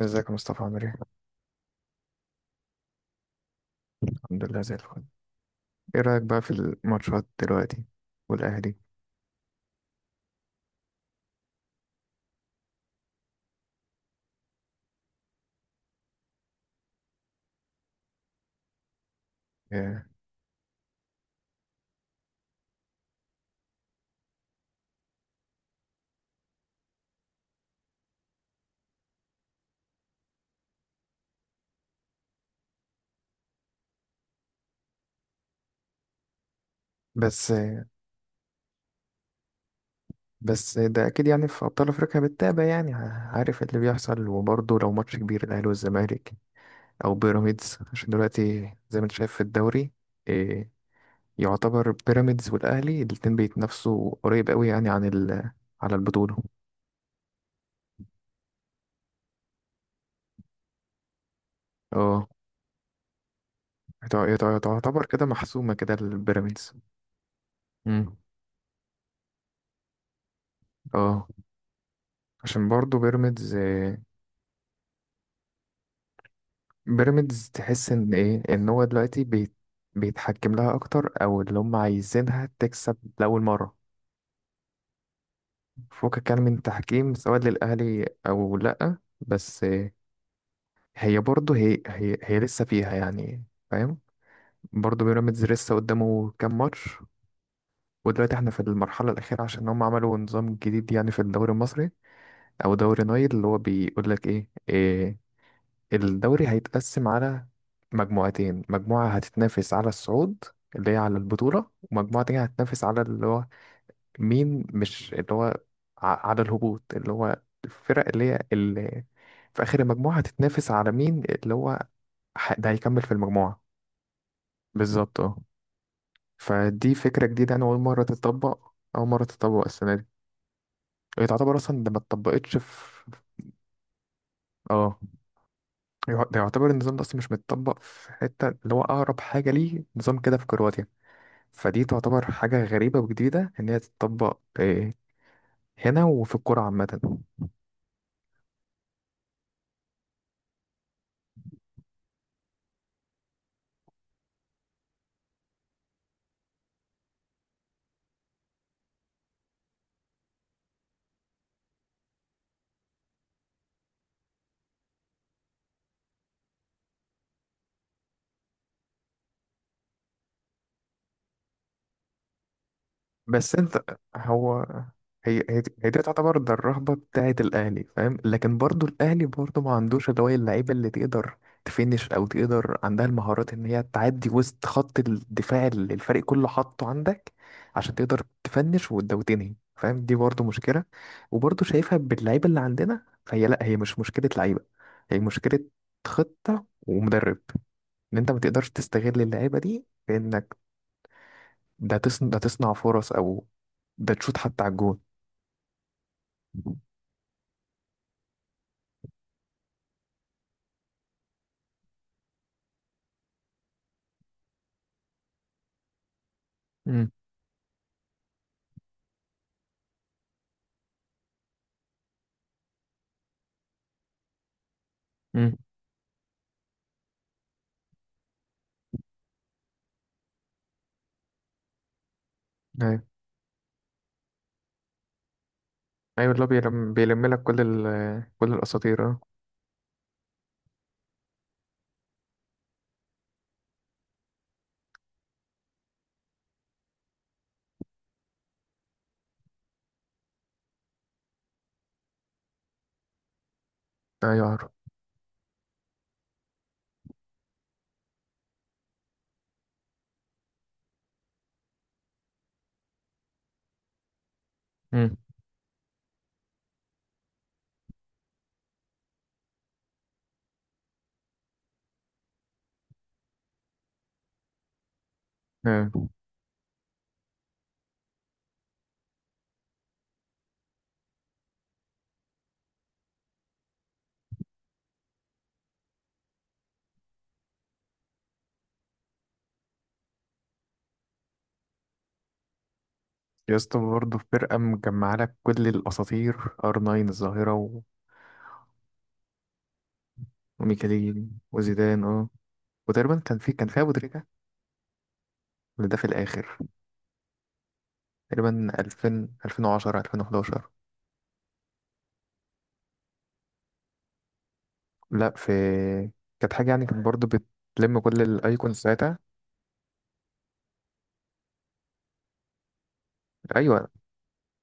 ازيك يا مصطفى عامل ايه؟ الحمد لله زي الفل. ايه رأيك بقى في الماتشات دلوقتي والأهلي؟ آه، بس بس ده أكيد يعني في أبطال أفريقيا بتتابع، يعني عارف اللي بيحصل، وبرضه لو ماتش كبير الأهلي والزمالك أو بيراميدز، عشان دلوقتي زي ما انت شايف في الدوري. آه، يعتبر بيراميدز والأهلي الاتنين بيتنافسوا قريب قوي، يعني عن ال على البطولة. اه، تعتبر كده محسومة كده البيراميدز. مم. اه، عشان برضه بيراميدز تحس ان ايه، ان هو دلوقتي بيتحكم لها اكتر، او اللي هم عايزينها تكسب لاول مره فوق، كان من تحكيم سواء للاهلي او لا. بس هي برضه هي لسه فيها يعني، فاهم. برضه بيراميدز لسه قدامه كام ماتش، ودلوقتي احنا في المرحله الاخيره عشان هم عملوا نظام جديد يعني في الدوري المصري او دوري نايل. اللي هو بيقول لك إيه، الدوري هيتقسم على مجموعتين، مجموعة هتتنافس على الصعود اللي هي على البطولة، ومجموعة تانية هتتنافس على اللي هو مين مش اللي هو ع- على الهبوط، اللي هو الفرق اللي في آخر المجموعة هتتنافس على مين اللي هو ح- ده هيكمل في المجموعة. بالظبط اه. فدي فكرة جديدة، أنا أول مرة تتطبق السنة دي. هي تعتبر أصلا ده ما اتطبقتش في. اه، ده يعتبر النظام ده أصلا مش متطبق في حتة، اللي هو أقرب حاجة ليه نظام كده في كرواتيا. فدي تعتبر حاجة غريبة وجديدة إن هي تتطبق إيه، هنا وفي الكورة عامة. بس أنت، هو، هي دي تعتبر ده الرهبة بتاعة الأهلي، فاهم. لكن برضو الأهلي برضو ما عندوش اللي هو اللعيبة اللي تقدر تفنش أو تقدر، عندها المهارات إن هي تعدي وسط خط الدفاع اللي الفريق كله حاطه عندك، عشان تقدر تفنش وتنهي، فاهم. دي برضو مشكلة، وبرضو شايفها باللعيبة اللي عندنا، فهي لأ، هي مش مشكلة لعيبة، هي مشكلة خطة ومدرب، ان انت ما تقدرش تستغل اللعيبه دي في انك ده تصنع فرص، او ده تشوط حتى على الجون. امم. امم. ايوه. ايوه، اللي هو بيلم لك كل الاساطير اه. ايوه عارف. امم. ايوه. يا اسطى، برضه في فرقه مجمعه لك كل الاساطير، ار 9 الظاهره، وميكاليل وزيدان اه. وتقريبا كان فيها ابو تريكه، ولا ده في الاخر. تقريبا 2000، 2010، 2011. لا، في، كانت حاجه يعني، كانت برضه بتلم كل الايكونز ساعتها. ايوه.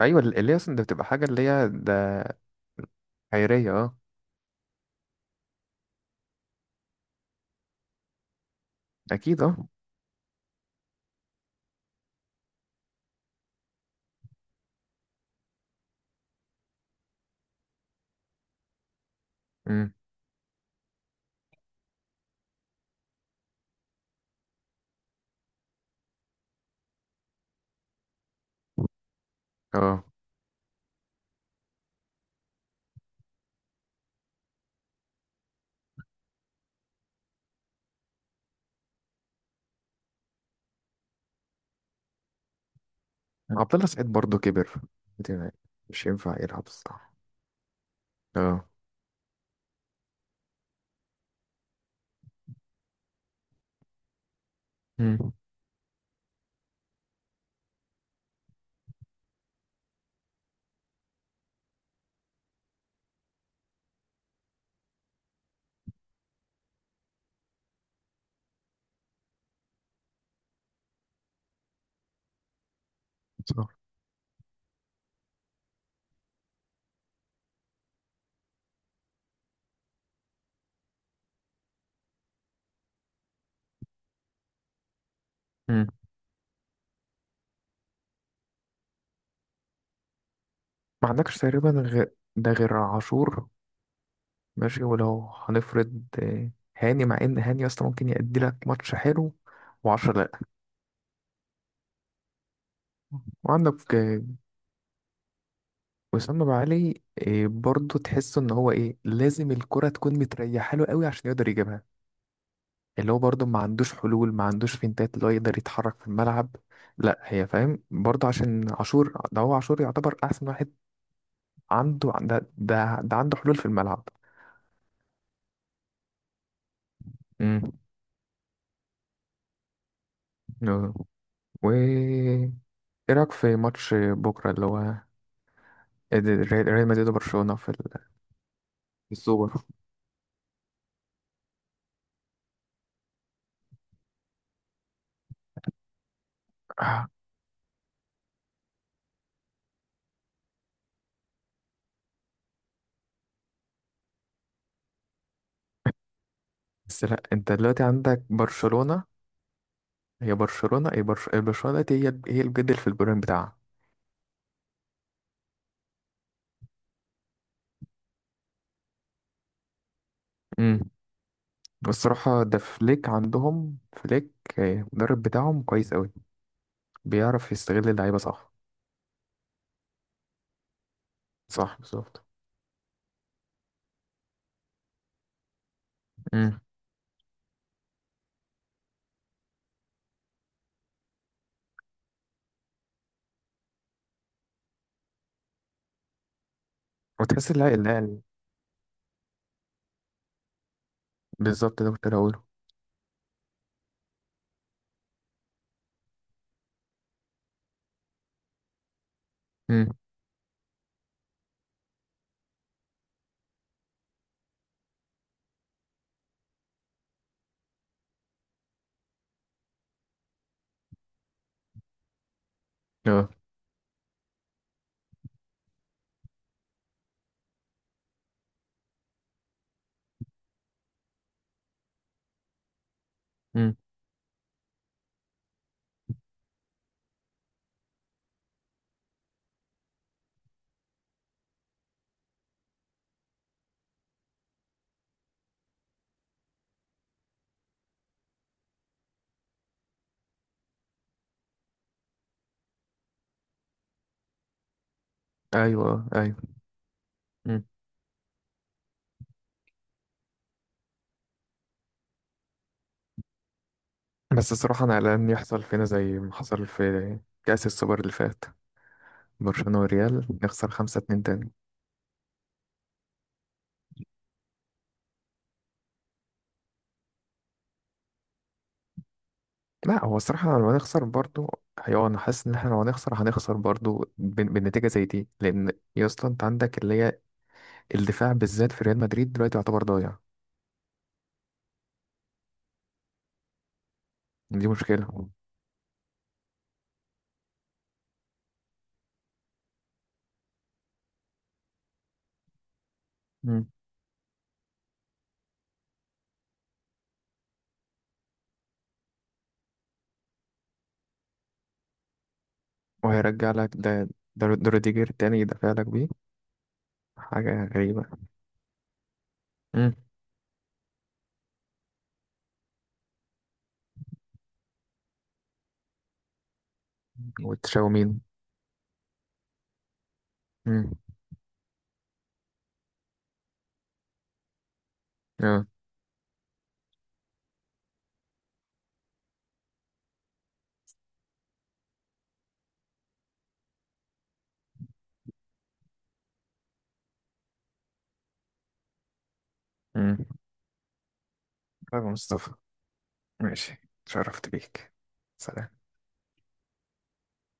ايوه، اللي هي اصلا ده بتبقى حاجه اللي هي ده، خيريه اه. اكيد اه. امم. اه. عبد الله سعيد برضه كبر دي، مش ينفع يلعب الصراحه. اه. امم. صح. امم. ما عندكش تقريبا غير ده، غير عاشور. ماشي ولو. هنفرض آه، هاني، مع ان هاني اصلا ممكن يأدي لك ماتش حلو وعشرة، لا. وعندك آه، وسام ابو علي. آه، برضه تحس ان هو ايه، لازم الكرة تكون متريحه له قوي عشان يقدر يجيبها، اللي هو برضه ما عندوش حلول، ما عندوش فينتات اللي هو يقدر يتحرك في الملعب. لا، هي فاهم، برضه عشان عاشور ده، هو عاشور يعتبر احسن واحد عنده، ده عنده حلول في الملعب. امم. آه. و ايه رايك في ماتش بكره، اللي هو ريال مدريد وبرشلونه في ال، في السوبر. آه. بس لا، انت دلوقتي عندك برشلونه. برشلونه دلوقتي هي الجد في البرين بتاعها. امم. والصراحه ده فليك، عندهم فليك. آه، المدرب بتاعهم كويس قوي، بيعرف يستغل اللعيبة صح. صح بالظبط. امم. وتحس اللعيبة. بالظبط، ده كنت هقوله. امم. اه. امم. ايوه. آه، ايوه. امم. بس الصراحه انا قلقان يحصل فينا زي ما حصل في كاس السوبر اللي فات، برشلونه والريال، نخسر 5-2 تاني. لا هو الصراحه لو هنخسر برضو. ايوه، انا حاسس ان احنا لو هنخسر هنخسر برضو بالنتيجه زي دي، لان يا اسطى انت عندك اللي هي الدفاع بالذات في ريال مدريد دلوقتي يعتبر ضايع. دي مشكله. مم. وهيرجع لك ده. ده روديجير تاني يدافع لك بيه، حاجة غريبة. مم. وتشاومين. مم. اه. مم. طيب يا مصطفى، ماشي، اتشرفت بيك، سلام.